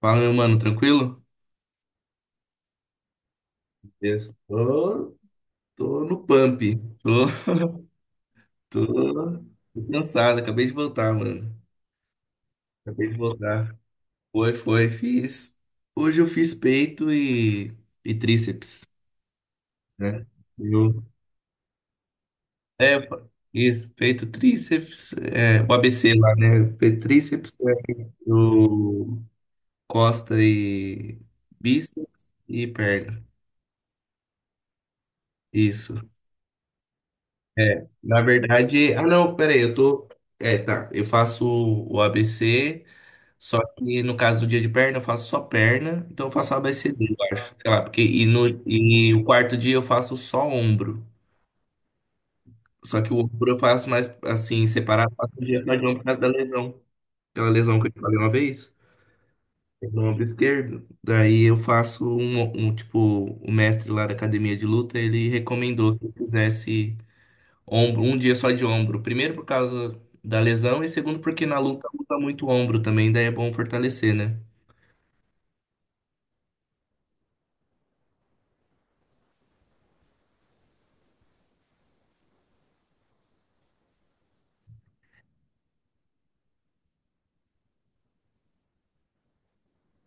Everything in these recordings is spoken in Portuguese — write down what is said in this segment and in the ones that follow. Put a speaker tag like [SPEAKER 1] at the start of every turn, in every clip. [SPEAKER 1] Fala, meu mano, tranquilo? Estou, tô no pump. Tô, tô, tô cansado, acabei de voltar, mano. Acabei de voltar. Fiz. Hoje eu fiz peito e tríceps, né? Eu, é, eu fa- Isso, peito, tríceps, é, o ABC lá, né? Peito, tríceps, é, o costa e bíceps e perna. Isso. Na verdade, ah não, peraí, eu tô. É, tá. Eu faço o ABC, só que no caso do dia de perna, eu faço só perna, então eu faço o ABCD, eu acho. Sei lá, porque e, no, e o quarto dia eu faço só ombro. Só que o ombro eu faço mais assim, separado, faço um dia só de ombro por causa da lesão. Aquela lesão que eu te falei uma vez, no ombro esquerdo. Daí eu faço um tipo, o mestre lá da academia de luta, ele recomendou que eu fizesse. Ombro, um dia só de ombro. Primeiro por causa da lesão e segundo porque na luta luta muito ombro também, daí é bom fortalecer, né?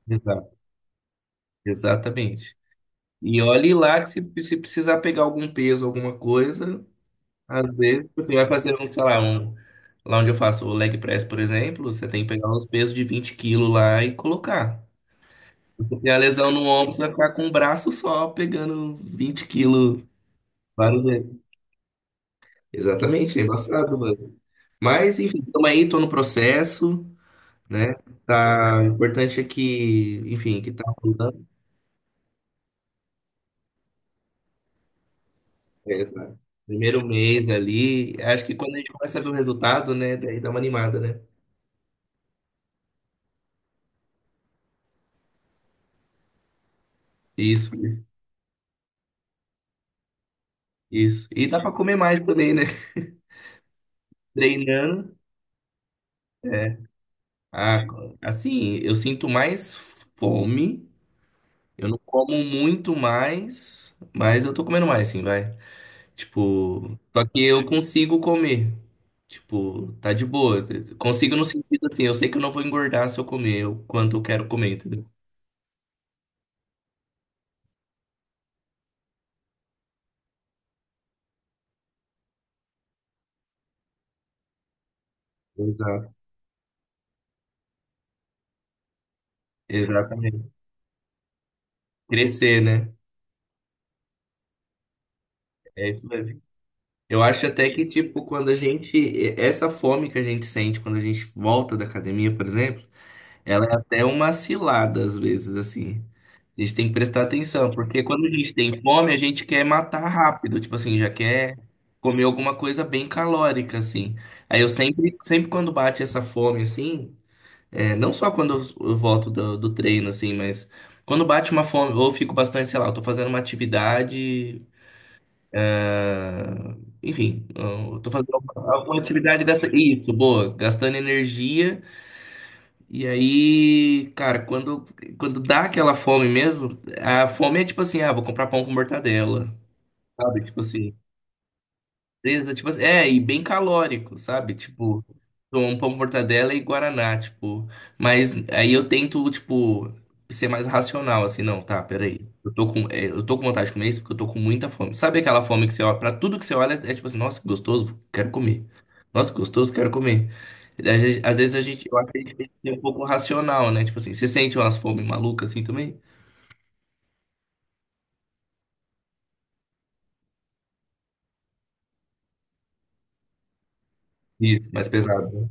[SPEAKER 1] Exato. Exatamente. E olhe lá que se precisar pegar algum peso, alguma coisa, às vezes você vai fazer lá onde eu faço o leg press, por exemplo, você tem que pegar uns pesos de 20 quilos lá e colocar. Se tem a lesão no ombro, você vai ficar com o braço só pegando 20 quilos várias vezes. Exatamente, é embaçado, mano. Mas, enfim, estamos aí, tô no processo, né? Tá, o importante é que, enfim, que tá rolando. É, sabe? Primeiro mês ali, acho que quando a gente começa a ver o resultado, né, daí dá uma animada, né? Isso, isso. E dá pra comer mais também, né? Treinando. É. Ah, assim, eu sinto mais fome. Eu não como muito mais, mas eu tô comendo mais, sim, vai. Tipo, só que eu consigo comer. Tipo, tá de boa. Consigo no sentido assim, eu sei que eu não vou engordar se eu comer o quanto eu quero comer, entendeu? Exato. Exatamente. Crescer, né? É isso mesmo. Eu acho até que, tipo, quando a gente. Essa fome que a gente sente quando a gente volta da academia, por exemplo, ela é até uma cilada, às vezes, assim. A gente tem que prestar atenção, porque quando a gente tem fome, a gente quer matar rápido, tipo assim, já quer comer alguma coisa bem calórica, assim. Aí eu sempre quando bate essa fome, assim. É, não só quando eu volto do treino, assim, mas quando bate uma fome, ou eu fico bastante, sei lá, eu tô fazendo uma atividade, ah, enfim, eu tô fazendo alguma atividade dessa. Isso, boa, gastando energia. E aí, cara, quando dá aquela fome mesmo, a fome é tipo assim, ah, vou comprar pão com mortadela, sabe? Tipo assim. Beleza, tipo, assim, é, e bem calórico, sabe? Tipo, tomo um pão com mortadela e guaraná, tipo. Mas aí eu tento, tipo, ser mais racional, assim, não, tá, peraí. Eu tô com, é, eu tô com vontade de comer isso porque eu tô com muita fome. Sabe aquela fome que você olha, pra tudo que você olha, é tipo assim, nossa, que gostoso, quero comer. Nossa, que gostoso, quero comer. Às vezes a gente, eu acho que a gente tem que ser um pouco racional, né? Tipo assim, você sente umas fome malucas assim também? Isso, mais pesado, né?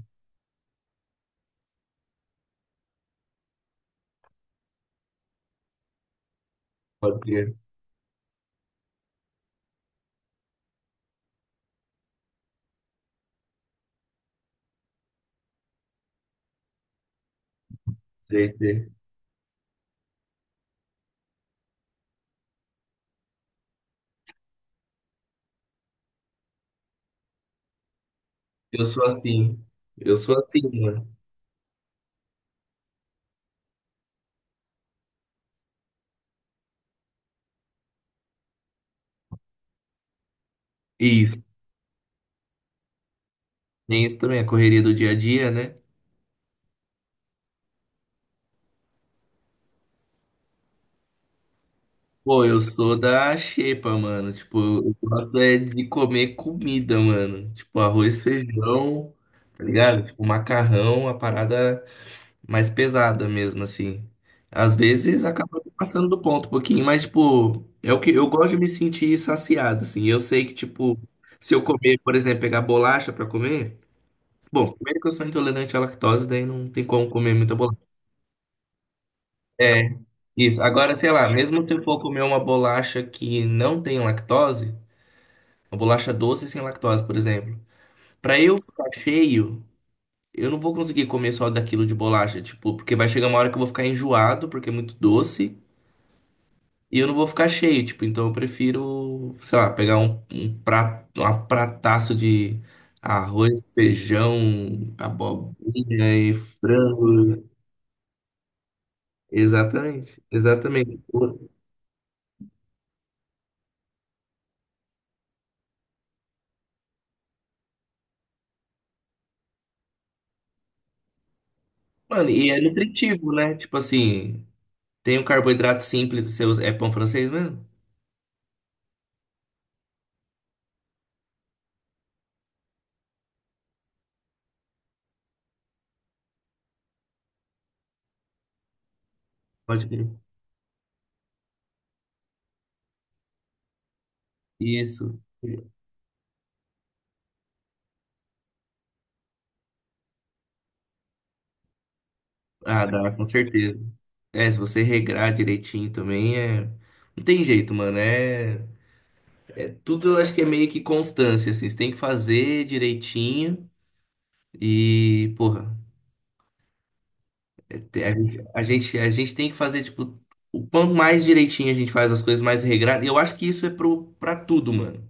[SPEAKER 1] Pode crer. Sei, sei. Eu sou assim. Eu sou assim, mano. Isso. Tem isso também, a correria do dia a dia, né? Pô, eu sou da xepa, mano. Tipo, eu gosto é de comer comida, mano. Tipo, arroz, feijão, tá ligado? Tipo, macarrão, a parada mais pesada mesmo, assim. Às vezes acaba passando do ponto um pouquinho, mas, tipo, é o que eu gosto de me sentir saciado, assim. Eu sei que, tipo, se eu comer, por exemplo, pegar bolacha pra comer. Bom, primeiro que eu sou intolerante à lactose, daí não tem como comer muita bolacha. É, isso. Agora, sei lá, mesmo se eu for comer uma bolacha que não tem lactose, uma bolacha doce sem lactose, por exemplo, pra eu ficar cheio, eu não vou conseguir comer só daquilo de bolacha, tipo, porque vai chegar uma hora que eu vou ficar enjoado, porque é muito doce, e eu não vou ficar cheio, tipo, então eu prefiro, sei lá, pegar um prato, uma prataço de arroz, feijão, abobrinha e frango. Exatamente, exatamente. Mano, e é nutritivo, né? Tipo assim, tem um carboidrato simples, você usa... é pão francês mesmo? Pode crer. Isso. Ah, dá, com certeza. É, se você regrar direitinho também, é... Não tem jeito, mano. É... é tudo eu acho que é meio que constância, assim. Você tem que fazer direitinho e, porra, é te- a gente tem que fazer, tipo, o quanto mais direitinho a gente faz as coisas, mais regrado. E eu acho que isso é pra tudo, mano.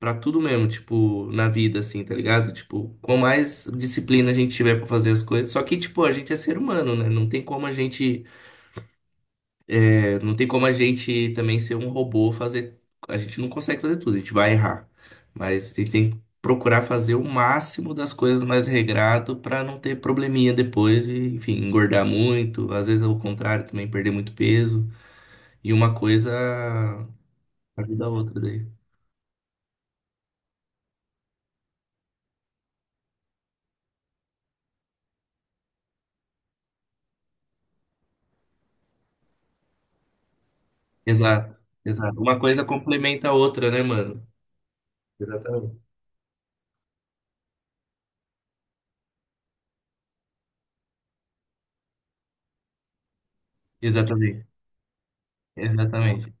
[SPEAKER 1] Pra tudo mesmo, tipo, na vida, assim, tá ligado? Tipo, com mais disciplina a gente tiver pra fazer as coisas. Só que, tipo, a gente é ser humano, né? Não tem como a gente, é, não tem como a gente também ser um robô, fazer. A gente não consegue fazer tudo, a gente vai errar. Mas a gente tem que procurar fazer o máximo das coisas mais regrado pra não ter probleminha depois e, enfim, engordar muito. Às vezes, ao contrário, também perder muito peso. E uma coisa ajuda a outra daí. Exato, exato. Uma coisa complementa a outra, né, mano? Exatamente. Exatamente, exatamente.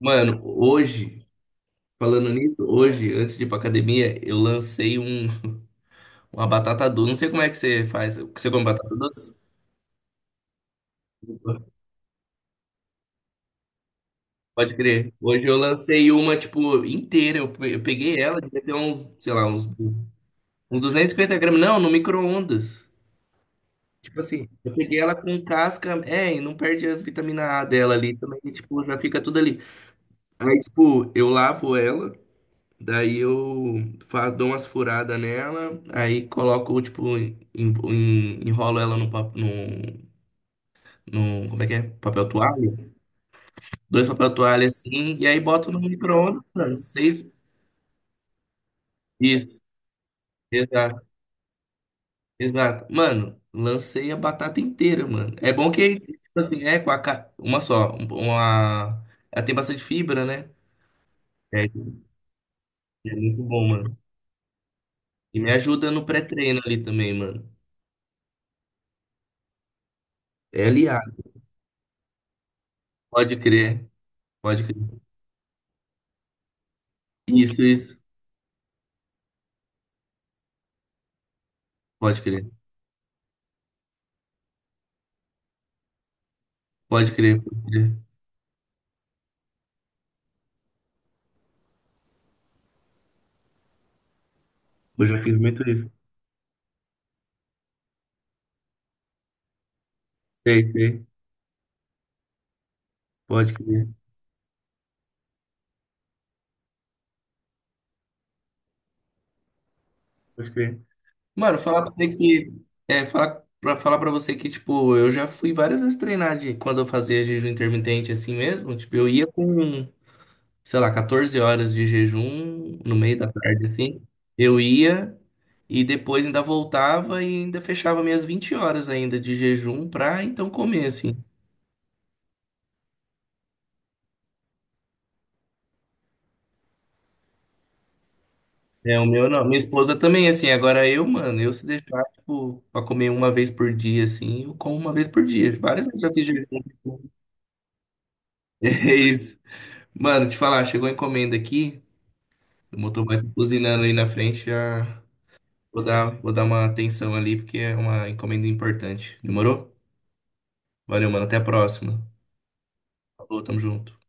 [SPEAKER 1] Mano, hoje, falando nisso, hoje, antes de ir pra academia, eu lancei uma batata doce. Não sei como é que você faz. Você come batata doce? Pode crer. Hoje eu lancei uma, tipo, inteira. Eu peguei ela, devia ter uns, sei lá, uns, uns duzentos e cinquenta gramas. Não, no micro-ondas. Tipo assim, eu peguei ela com casca. É, e não perde as vitaminas A dela ali também. Tipo, já fica tudo ali. Aí, tipo, eu lavo ela. Daí eu fa- dou umas furadas nela, aí coloco, tipo, enrolo ela como é que é? Papel toalha? Dois papel toalha assim, e aí boto no micro-ondas, mano. Seis. Isso, exato, exato. Mano, lancei a batata inteira, mano. É bom que, tipo assim, é com a. Uma só. Uma. Ela tem bastante fibra, né? É, é muito bom, mano. E me ajuda no pré-treino ali também, mano. É aliado. Pode crer, pode crer. Isso, isso. Pode crer, pode crer, pode crer. Eu já fiz muito isso. Sei, sei. Pode crer, pode crer. Mano, falar pra você que. É, falar pra você que, tipo, eu já fui várias vezes treinar de, quando eu fazia jejum intermitente assim mesmo. Tipo, eu ia com, sei lá, 14 horas de jejum no meio da tarde, assim. Eu ia e depois ainda voltava e ainda fechava minhas 20 horas ainda de jejum pra então comer, assim. É, o meu não. Minha esposa também, assim. Agora eu, mano, eu se deixar, tipo, pra comer uma vez por dia, assim, eu como uma vez por dia. Várias vezes eu já fiz jejum. É isso. Mano, te falar, chegou a encomenda aqui. O motoboy tá buzinando aí na frente. Vou dar uma atenção ali, porque é uma encomenda importante. Demorou? Valeu, mano. Até a próxima. Falou, tamo junto.